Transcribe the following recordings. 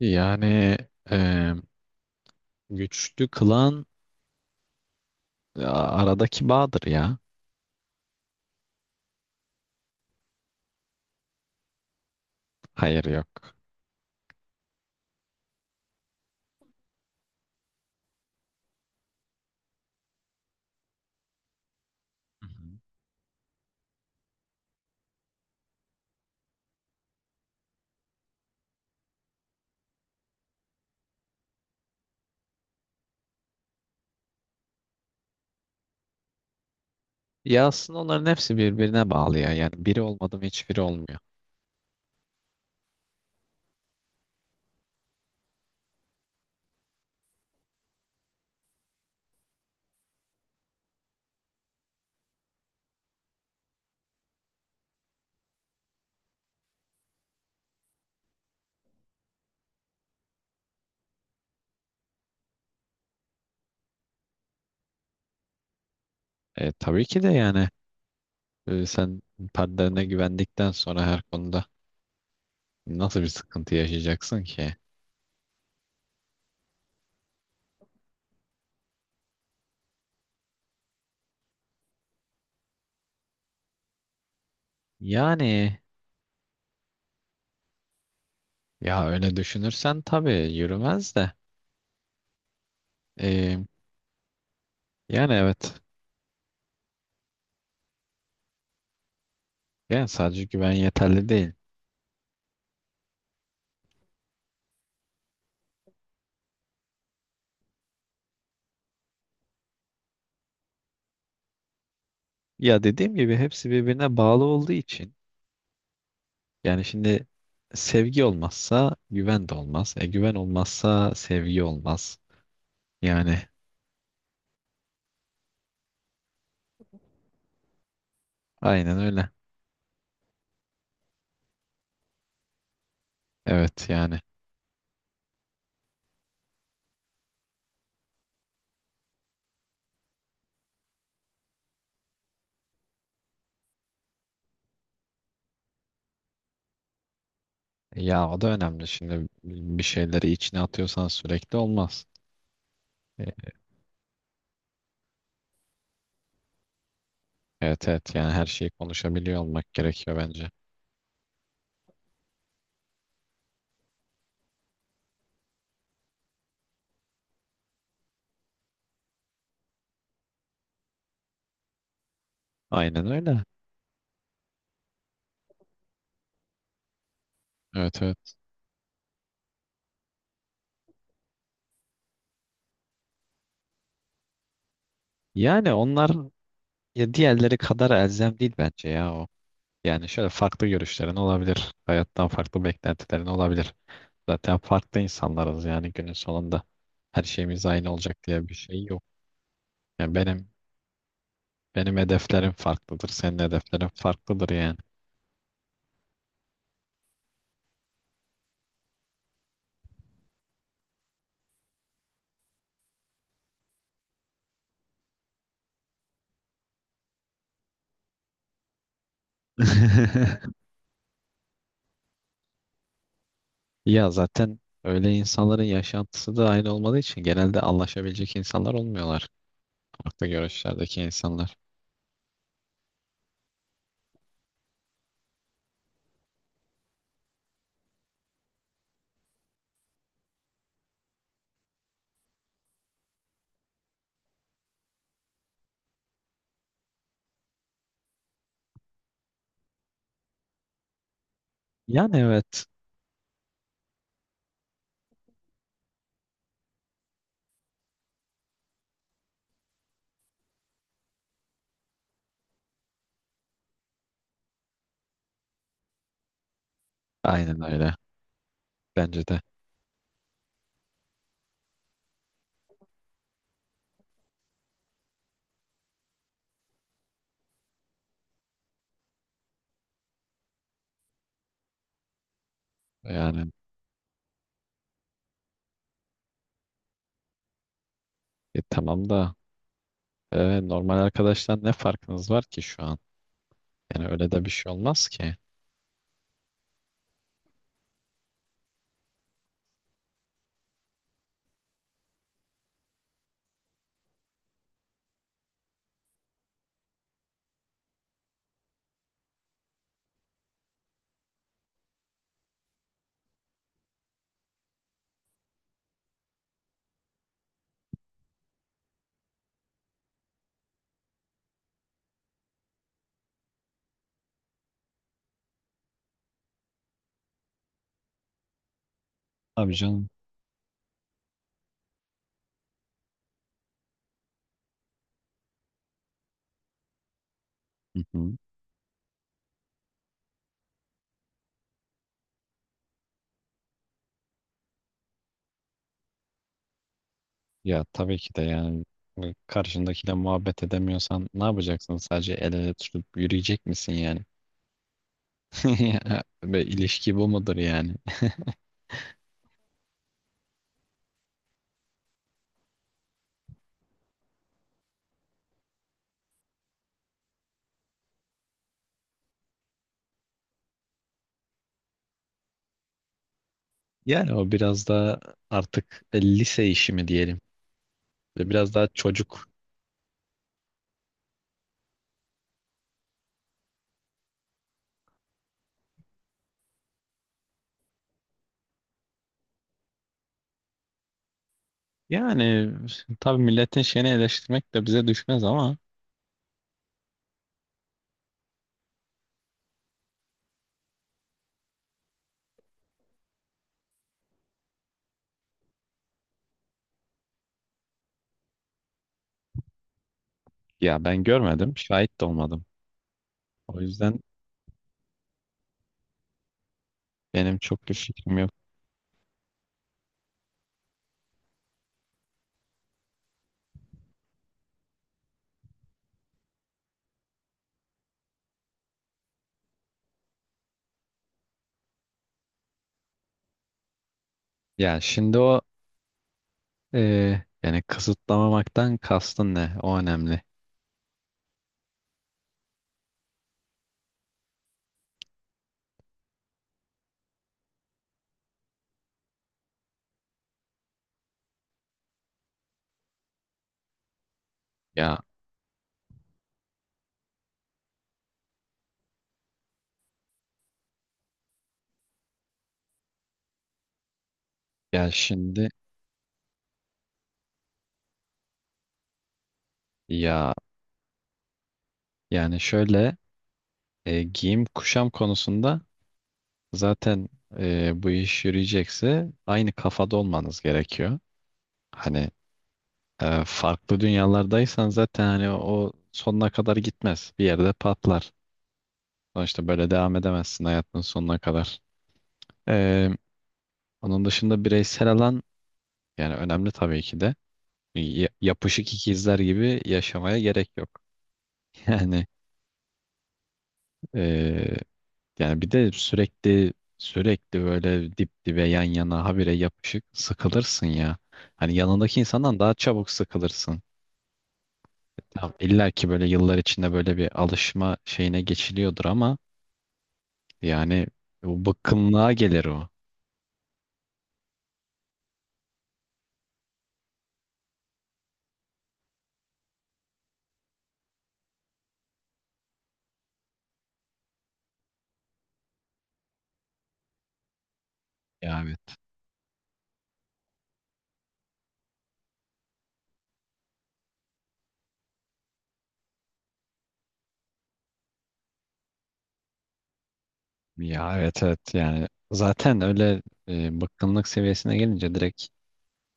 Yani e, güçlü kılan aradaki bağdır ya. Hayır, yok. Hı hı. Ya aslında onların hepsi birbirine bağlı ya. Yani biri olmadı mı hiçbiri olmuyor. Tabii ki de, yani sen partnerine güvendikten sonra her konuda nasıl bir sıkıntı yaşayacaksın ki? Yani ya öyle düşünürsen tabii yürümez de. E, yani evet. Yani sadece güven yeterli değil. Ya dediğim gibi hepsi birbirine bağlı olduğu için, yani şimdi sevgi olmazsa güven de olmaz. E güven olmazsa sevgi olmaz. Yani aynen öyle. Evet yani. Ya o da önemli. Şimdi bir şeyleri içine atıyorsan sürekli olmaz. E, Evet evet, yani her şeyi konuşabiliyor olmak gerekiyor bence. Aynen öyle. Evet evet. Yani onlar ya diğerleri kadar elzem değil bence ya o. Yani şöyle, farklı görüşlerin olabilir. Hayattan farklı beklentilerin olabilir. Zaten farklı insanlarız yani günün sonunda. Her şeyimiz aynı olacak diye bir şey yok. Yani benim hedeflerim farklıdır. Senin hedeflerin farklıdır yani. Ya zaten öyle insanların yaşantısı da aynı olmadığı için genelde anlaşabilecek insanlar olmuyorlar. Farklı görüşlerdeki insanlar. Yani evet. Aynen öyle. Bence de. Yani tamam da, normal arkadaştan ne farkınız var ki şu an? Yani öyle de bir şey olmaz ki. Abi canım. Hı hı. Ya tabii ki de, yani karşındakiyle muhabbet edemiyorsan ne yapacaksın? Sadece el ele tutup yürüyecek misin yani? Ve ilişki bu mudur yani? Yani o biraz da artık lise işi mi diyelim? Ve biraz daha çocuk. Yani tabii milletin şeyini eleştirmek de bize düşmez ama ya ben görmedim, şahit de olmadım. O yüzden benim çok bir fikrim yok. Ya şimdi o Yani kısıtlamamaktan kastın ne? O önemli. Ya ya şimdi ya yani şöyle, giyim kuşam konusunda zaten bu iş yürüyecekse aynı kafada olmanız gerekiyor. Hani farklı dünyalardaysan zaten hani o sonuna kadar gitmez. Bir yerde patlar. Sonuçta böyle devam edemezsin hayatın sonuna kadar. Ee, Onun dışında bireysel alan yani önemli tabii ki de. Yapışık ikizler gibi yaşamaya gerek yok. Yani eee, yani bir de sürekli böyle dip dibe yan yana habire yapışık sıkılırsın ya. Hani yanındaki insandan daha çabuk sıkılırsın. Tamam, illa ki böyle yıllar içinde böyle bir alışma şeyine geçiliyordur ama yani bu bıkkınlığa gelir o. Ya evet. Ya evet evet, yani zaten öyle bıkkınlık seviyesine gelince direkt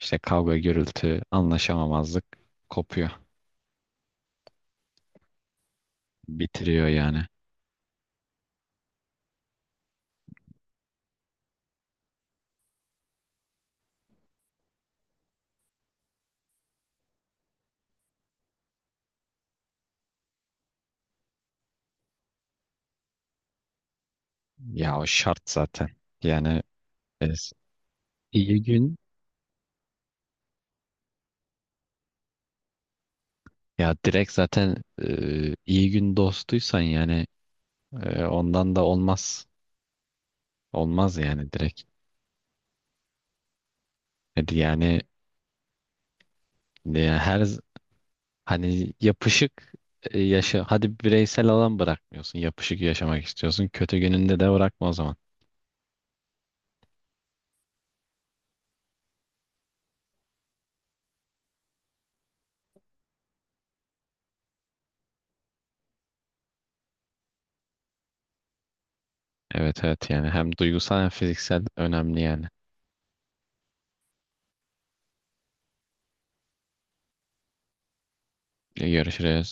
işte kavga gürültü anlaşamamazlık kopuyor, bitiriyor yani. Ya o şart zaten. Yani İyi gün ya direkt zaten iyi gün dostuysan yani ondan da olmaz. Olmaz yani, direkt. Hadi yani, e, her z- hani yapışık, yaşa hadi, bireysel alan bırakmıyorsun. Yapışık yaşamak istiyorsun. Kötü gününde de bırakma o zaman. Evet evet, yani hem duygusal hem fiziksel önemli yani. Görüşürüz.